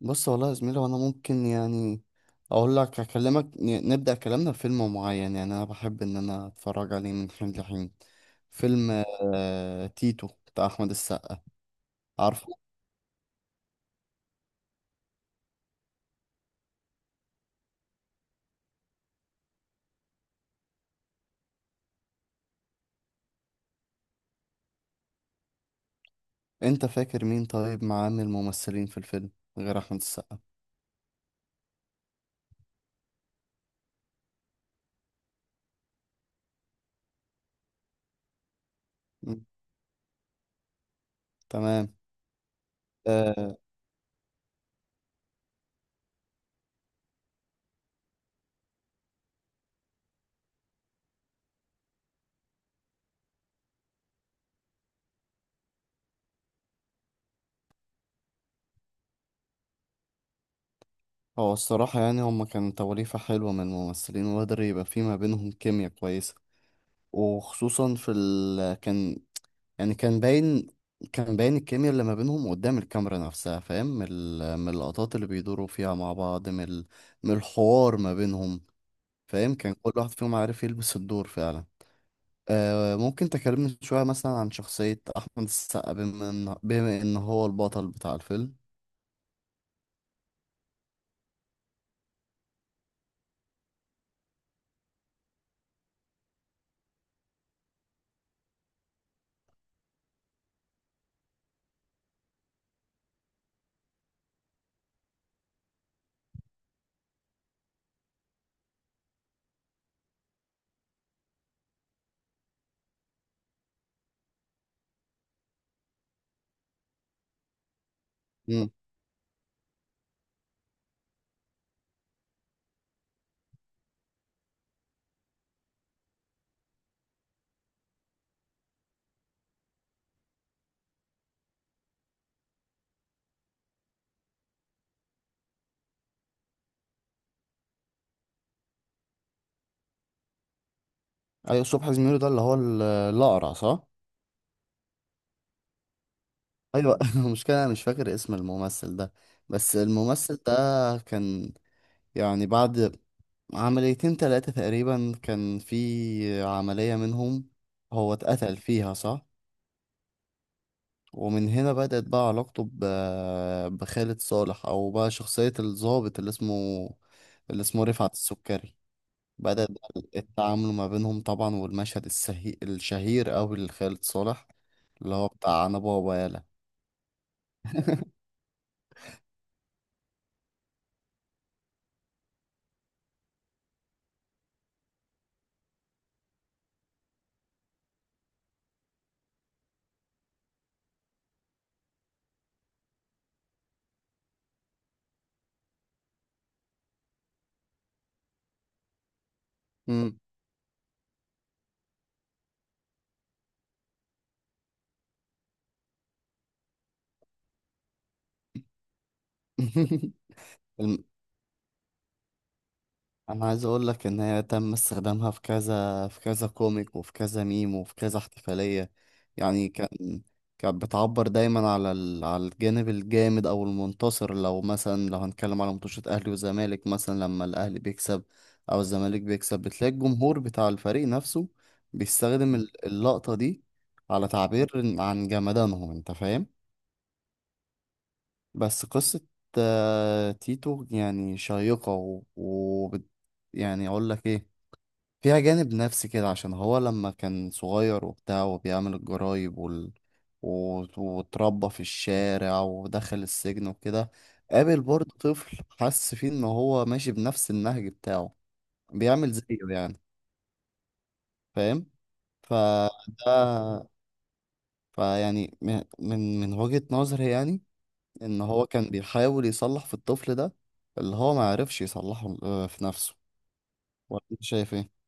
بص والله يا زميلي وانا ممكن يعني اقول لك اكلمك نبدا كلامنا بفيلم معين، يعني انا بحب ان انا اتفرج عليه من حين لحين. فيلم تيتو بتاع احمد السقا، عارفه. انت فاكر مين طيب معاه من الممثلين في الفيلم غير احمد السقا؟ مم، تمام. آه هو الصراحه يعني هما كانوا توليفه حلوه من الممثلين، وقدر يبقى في ما بينهم كيمياء كويسه. وخصوصا في ال... كان يعني كان باين، كان باين الكيمياء اللي ما بينهم قدام الكاميرا نفسها، فاهم، من اللقطات اللي بيدوروا فيها مع بعض، من الحوار ما بينهم، فاهم. كان كل واحد فيهم عارف يلبس الدور فعلا. آه، ممكن تكلمني شوية مثلا عن شخصية أحمد السقا، بما إن هو البطل بتاع الفيلم. مم. أيوة، صبحي زميلو ده اللي هو الأقرع، صح؟ أيوة، المشكلة أنا مش فاكر اسم الممثل ده. بس الممثل ده كان، يعني بعد عمليتين تلاتة تقريبا، كان في عملية منهم هو اتقتل فيها، صح. ومن هنا بدأت بقى علاقته بخالد صالح، أو بقى شخصية الضابط اللي اسمه رفعت السكري. بدأت بقى التعامل ما بينهم طبعا، والمشهد الشهير أوي لخالد صالح اللي هو بتاع أنا بابا يالا. مم. انا عايز اقول لك ان هي تم استخدامها في كذا، في كذا كوميك، وفي كذا ميم، وفي كذا احتفالية. يعني كان، كانت بتعبر دايما على على الجانب الجامد او المنتصر. لو مثلا لو هنتكلم على ماتشات اهلي وزمالك مثلا، لما الاهلي بيكسب او الزمالك بيكسب، بتلاقي الجمهور بتاع الفريق نفسه بيستخدم اللقطة دي، على تعبير عن جمدانهم، انت فاهم. بس قصة تيتو يعني شيقة يعني اقول لك ايه، فيها جانب نفسي كده. عشان هو لما كان صغير وبتاع وبيعمل الجرايب واتربى في الشارع ودخل السجن وكده، قابل برضه طفل حس فيه ان هو ماشي بنفس النهج بتاعه، بيعمل زيه يعني، فاهم. فده فيعني من وجهة نظري يعني، ان هو كان بيحاول يصلح في الطفل ده اللي هو ما عرفش يصلحه في نفسه. ولا انت شايف ايه؟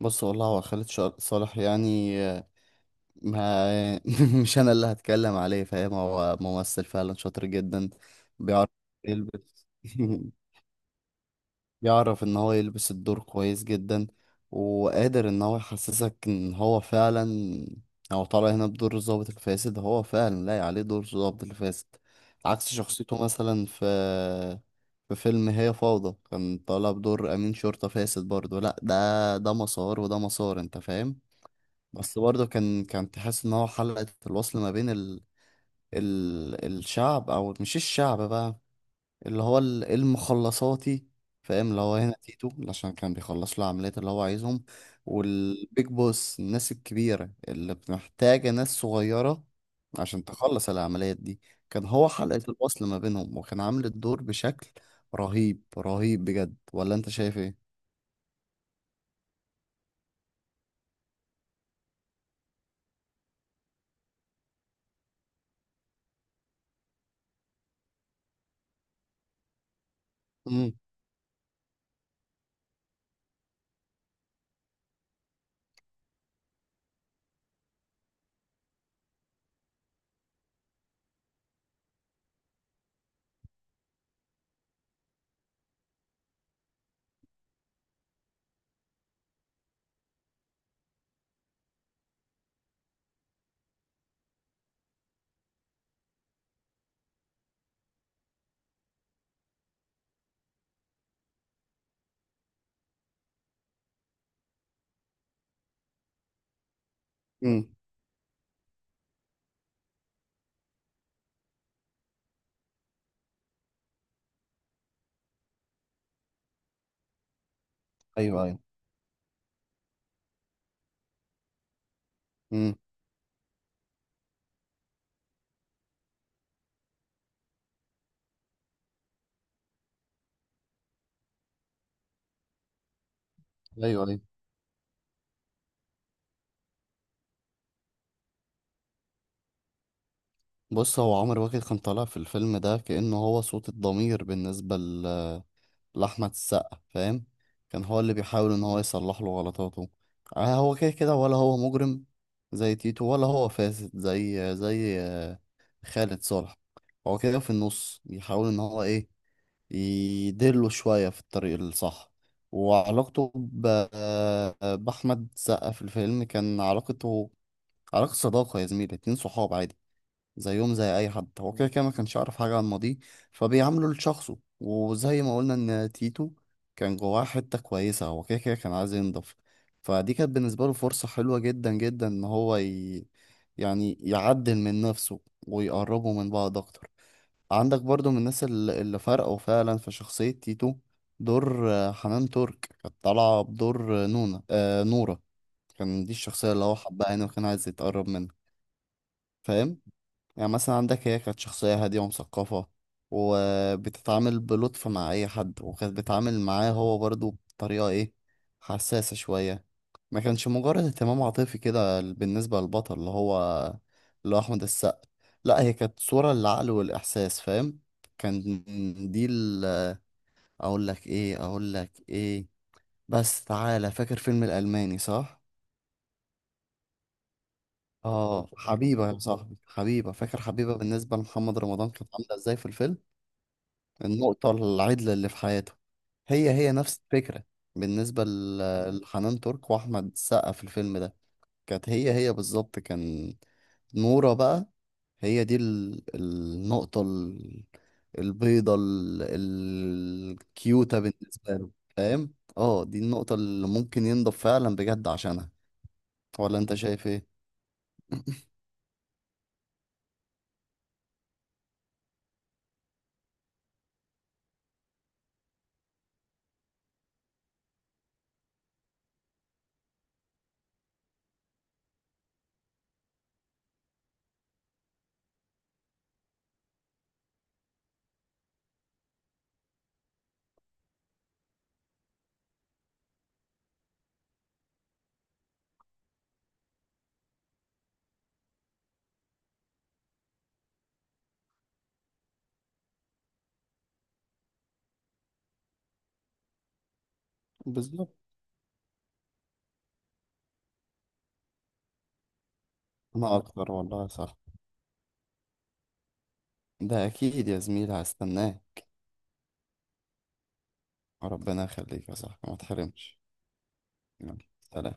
بص والله هو خالد صالح يعني، ما مش انا اللي هتكلم عليه، فاهم. هو ممثل فعلا شاطر جدا، بيعرف يلبس بيعرف ان هو يلبس الدور كويس جدا، وقادر ان هو يحسسك ان هو فعلا، هو طالع هنا بدور الضابط الفاسد، هو فعلا لاقي عليه دور الضابط الفاسد. عكس شخصيته مثلا في فيلم هي فوضى، كان طالع بدور امين شرطة فاسد برضه. لا، ده مسار وده مسار، انت فاهم. بس برضه كان تحس ان هو حلقة الوصل ما بين الشعب، او مش الشعب بقى، اللي هو المخلصاتي، فاهم. اللي هو هنا تيتو، عشان كان بيخلص له العمليات اللي هو عايزهم. والبيج بوس، الناس الكبيرة اللي محتاجة ناس صغيرة عشان تخلص العمليات دي، كان هو حلقة الوصل ما بينهم، وكان عامل الدور بشكل رهيب، رهيب بجد. ولا انت شايف ايه؟ امم، امم، ايوه، ايوه، امم، ايوه، ايوه. بص، هو عمرو واكد كان طالع في الفيلم ده كأنه هو صوت الضمير بالنسبة لأحمد السقا، فاهم. كان هو اللي بيحاول إن هو يصلح له غلطاته. آه، هو كده كده ولا هو مجرم زي تيتو، ولا هو فاسد زي خالد صالح. هو كده في النص بيحاول إن هو إيه، يدله شوية في الطريق الصح. وعلاقته بأحمد السقا في الفيلم، كان علاقته علاقة صداقة يا زميلي، اتنين صحاب عادي زيهم زي اي حد. هو كده كده ما كانش يعرف حاجه عن ماضيه، فبيعامله لشخصه. وزي ما قلنا ان تيتو كان جواه حته كويسه، هو كده كده كان عايز ينضف، فدي كانت بالنسبه له فرصه حلوه جدا جدا ان هو يعني يعدل من نفسه ويقربوا من بعض اكتر. عندك برضو من الناس اللي فرقوا فعلا في شخصيه تيتو، دور حنان ترك. كانت طالعه بدور آه، نونا آه نورا. كان دي الشخصيه اللي هو حبها يعني، وكان عايز يتقرب منها، فاهم. يعني مثلا عندك هي كانت شخصية هادية ومثقفة، وبتتعامل بلطف مع أي حد، وكانت بتتعامل معاه هو برضو بطريقة إيه، حساسة شوية. ما كانش مجرد اهتمام عاطفي كده بالنسبة للبطل اللي هو أحمد السقا، لا هي كانت صورة للعقل والإحساس، فاهم. كان دي ال أقول لك إيه أقول لك إيه بس، تعالى فاكر فيلم الألماني، صح؟ آه، حبيبة يا صاحبي، حبيبة. فاكر حبيبة بالنسبة لمحمد رمضان كانت عاملة إزاي في الفيلم؟ النقطة العدلة اللي في حياته. هي نفس الفكرة بالنسبة لحنان ترك وأحمد السقا في الفيلم ده، كانت هي بالظبط. كان نورة بقى هي دي النقطة البيضة الكيوتة بالنسبة له، فاهم؟ اه دي النقطة اللي ممكن ينضب فعلا بجد عشانها. ولا انت شايف ايه؟ بالظبط. ما أكتر، والله صح. ده أكيد يا زميلي، هستناه. ربنا يخليك يا صاحبي، ما تحرمش. يلا، سلام.